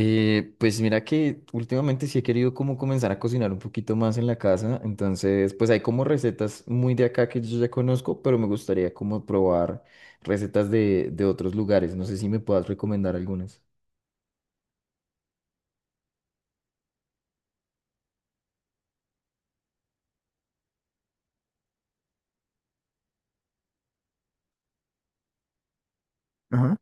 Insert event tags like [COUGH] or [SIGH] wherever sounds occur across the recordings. Pues mira que últimamente sí he querido como comenzar a cocinar un poquito más en la casa, entonces pues hay como recetas muy de acá que yo ya conozco, pero me gustaría como probar recetas de otros lugares, no sé si me puedas recomendar algunas. Ajá.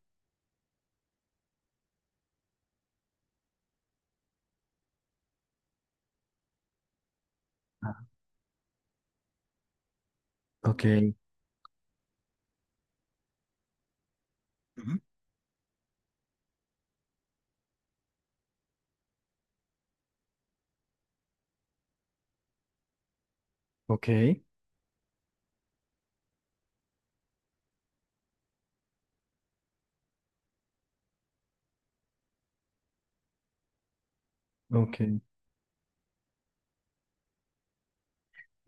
Ah. Ok. Ujú. Ok. Ok.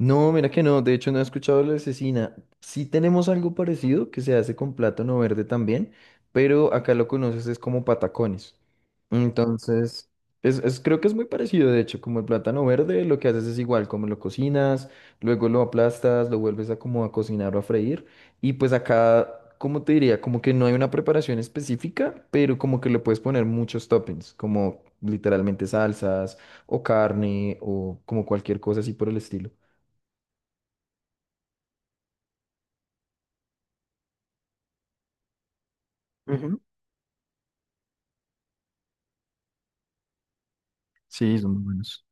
No, mira que no, de hecho no he escuchado la cecina. Sí tenemos algo parecido que se hace con plátano verde también, pero acá lo conoces es como patacones. Entonces, creo que es muy parecido, de hecho, como el plátano verde, lo que haces es igual, como lo cocinas, luego lo aplastas, lo vuelves a como a cocinar o a freír, y pues acá, como te diría, como que no hay una preparación específica, pero como que le puedes poner muchos toppings, como literalmente salsas o carne o como cualquier cosa así por el estilo. Ujú. Sí, son muy buenos.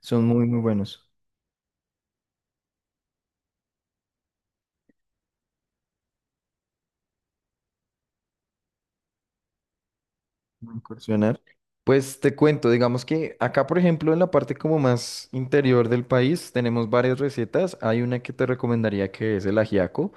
Son muy, muy buenos. Voy incursionar. Pues te cuento, digamos que acá, por ejemplo, en la parte como más interior del país, tenemos varias recetas. Hay una que te recomendaría que es el ajiaco.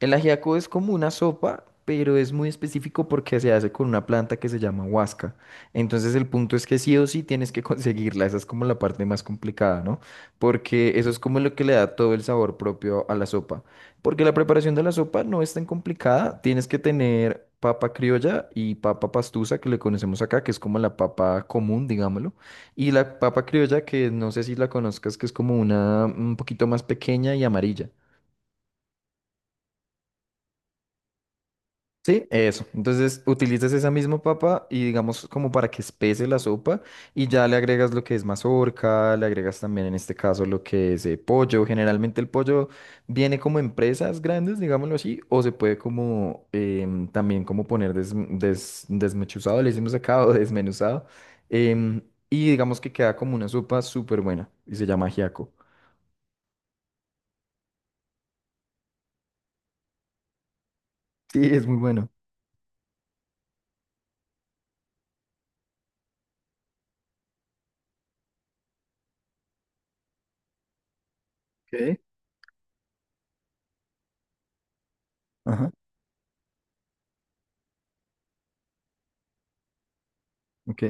El ajiaco es como una sopa, pero es muy específico porque se hace con una planta que se llama huasca. Entonces el punto es que sí o sí tienes que [LAUGHS] conseguirla. Esa es como la parte más complicada, ¿no? Porque eso es como lo que le da todo el sabor propio a la sopa. Porque la preparación de la sopa no es tan complicada. Tienes que tener papa criolla y papa pastusa, que le conocemos acá, que es como la papa común, digámoslo. Y la papa criolla, que no sé si la conozcas, que es como una un poquito más pequeña y amarilla. Sí, eso. Entonces utilizas esa misma papa y digamos como para que espese la sopa y ya le agregas lo que es mazorca, le agregas también en este caso lo que es pollo. Generalmente el pollo viene como en presas grandes, digámoslo así, o se puede como también como poner desmechuzado, le hicimos acá [LAUGHS] o desmenuzado. em, y digamos que queda como una sopa súper buena y se llama ajiaco. Sí, es muy bueno. Ok. Ajá. Ok.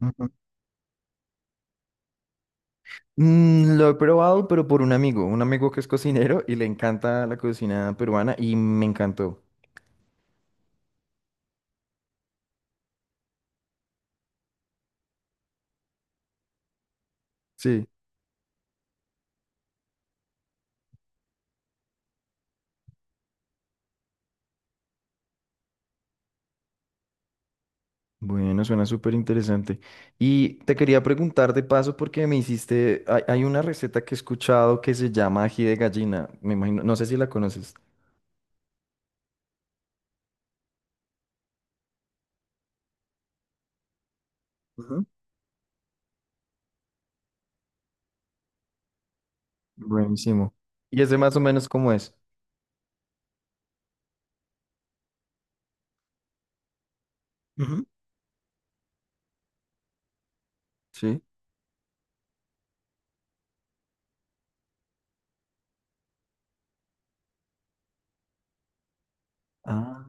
Ok. Mm, lo he probado, pero por un amigo que es cocinero y le encanta la cocina peruana y me encantó. Sí, bueno, suena súper interesante. Y te quería preguntar de paso porque me hiciste, hay una receta que he escuchado que se llama ají de gallina, me imagino, no sé si la conoces. Ujú. Buenísimo. ¿Y ese más o menos cómo es? Ujú. Sí. Ah,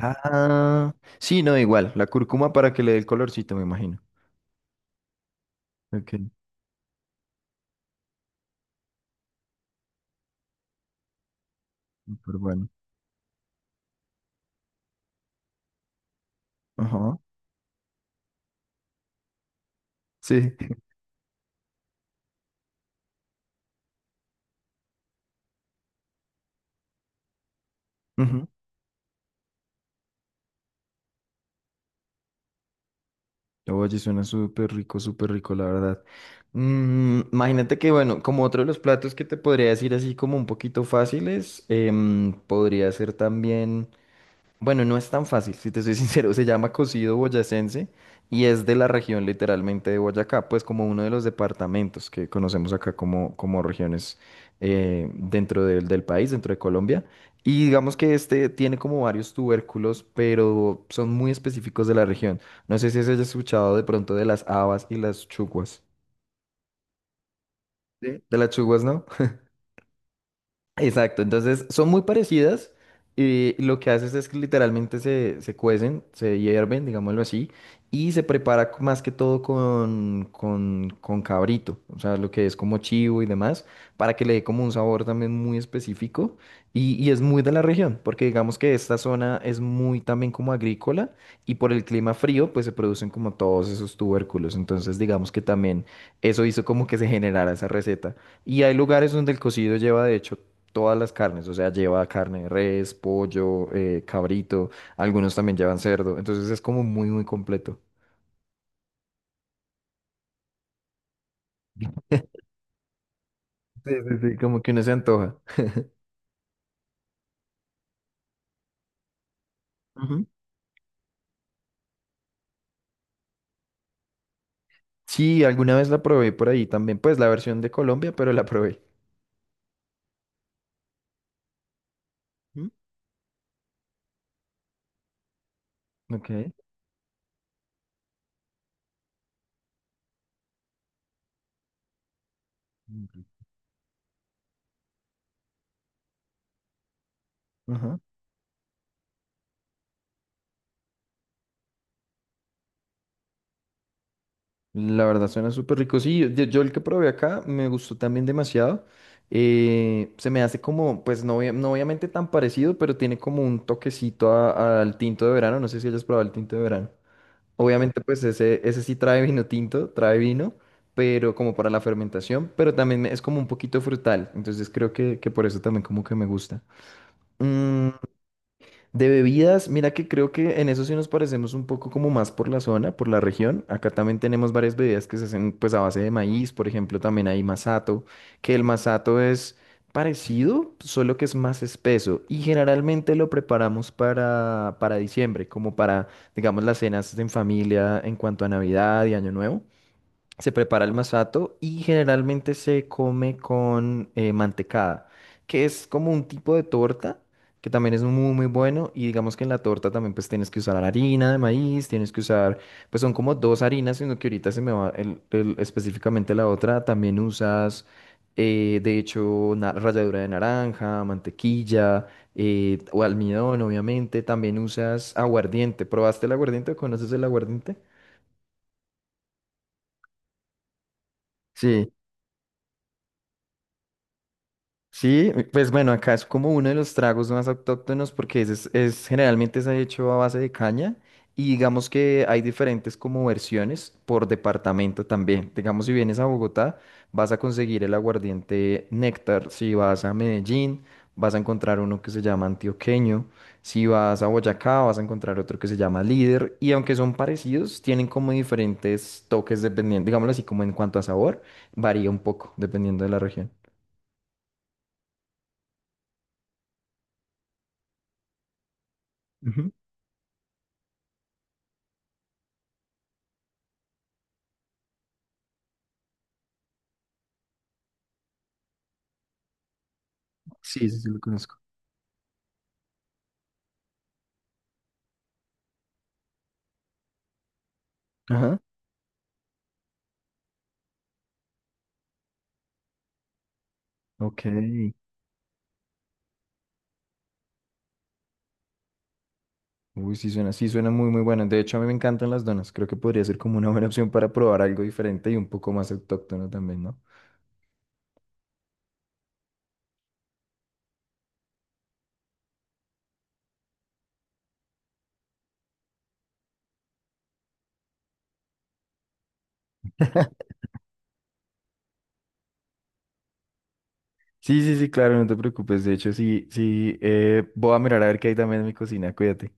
ah, sí, no, igual, la cúrcuma para que le dé el colorcito, me imagino. Ok. Súper bueno. Ajá. Sí. Oye, suena súper rico, la verdad. Mm, imagínate que, bueno, como otro de los platos que te podría decir así como un poquito fáciles, podría ser también bueno, no es tan fácil, si te soy [LAUGHS] sincero, se llama cocido boyacense y es de la región literalmente de Boyacá, pues como uno de los departamentos que conocemos acá como, como regiones dentro del país, dentro de Colombia. Y digamos que este tiene como varios tubérculos, pero son muy específicos de la región. No sé si has escuchado de pronto de las habas y las chuguas. Sí. De las chuguas, ¿no? Exacto, entonces son muy parecidas y lo que haces es que literalmente se cuecen, se hierven, digámoslo así, y se prepara más que todo con cabrito, o sea, lo que es como chivo y demás, para que le dé como un sabor también muy específico y es muy de la región, porque digamos que esta zona es muy también como agrícola y por el clima frío pues se producen como todos esos tubérculos, entonces digamos que también eso hizo como que se generara esa receta. Y hay lugares donde el cocido lleva de hecho todas las carnes, o sea, lleva carne de res, pollo, cabrito, algunos también llevan cerdo, entonces es como muy, muy completo. Sí, sí, sí, como que uno se antoja. Ujú. Sí, alguna vez la probé por ahí también, pues la versión de Colombia, pero la probé. Ujú. Ok. Muy rico. Ajá. La verdad suena súper rico. Sí, yo el que probé acá me gustó también demasiado. Se me hace como, pues no, no obviamente tan parecido, pero tiene como un toquecito al tinto de verano. No sé si hayas probado el tinto de verano. Obviamente, pues ese sí trae vino tinto, trae vino, pero como para la fermentación, pero también es como un poquito frutal, entonces creo que por eso también como que me gusta. Mm, de bebidas, mira que creo que en eso sí nos parecemos un poco como más por la zona, por la región. Acá también tenemos varias bebidas que se hacen pues a base de maíz, por ejemplo, también hay masato, que el masato es parecido, solo que es más espeso y generalmente lo preparamos para diciembre, como para, digamos, las cenas en familia en cuanto a Navidad y Año Nuevo. Se prepara el masato y generalmente se come con mantecada, que es como un tipo de torta que también es muy muy bueno y digamos que en la torta también pues tienes que usar harina de maíz, tienes que usar, pues son como dos harinas, sino que ahorita se me va específicamente la otra, también usas ralladura de naranja, mantequilla o almidón obviamente, también usas aguardiente, ¿probaste el aguardiente? O ¿conoces el aguardiente? Sí. Sí, pues bueno, acá es como uno de los tragos más autóctonos porque generalmente se ha hecho a base de caña y digamos que hay diferentes como versiones por departamento también. Digamos, si vienes a Bogotá, vas a conseguir el aguardiente Néctar. Si vas a Medellín, vas a encontrar uno que se llama antioqueño. Si vas a Boyacá, vas a encontrar otro que se llama líder. Y aunque son parecidos, tienen como diferentes toques dependiendo, digámoslo así, como en cuanto a sabor, varía un poco dependiendo de la región. Sí, sí, sí, lo conozco. Ajá. Ok. Uy, sí suena muy, muy buena. De hecho, a mí me encantan las donas. Creo que podría ser como una buena opción para probar algo diferente y un poco más autóctono también, ¿no? Sí, sí, sí, claro, no te preocupes. De hecho, sí, sí, voy a mirar a ver qué hay también en mi cocina. Cuídate.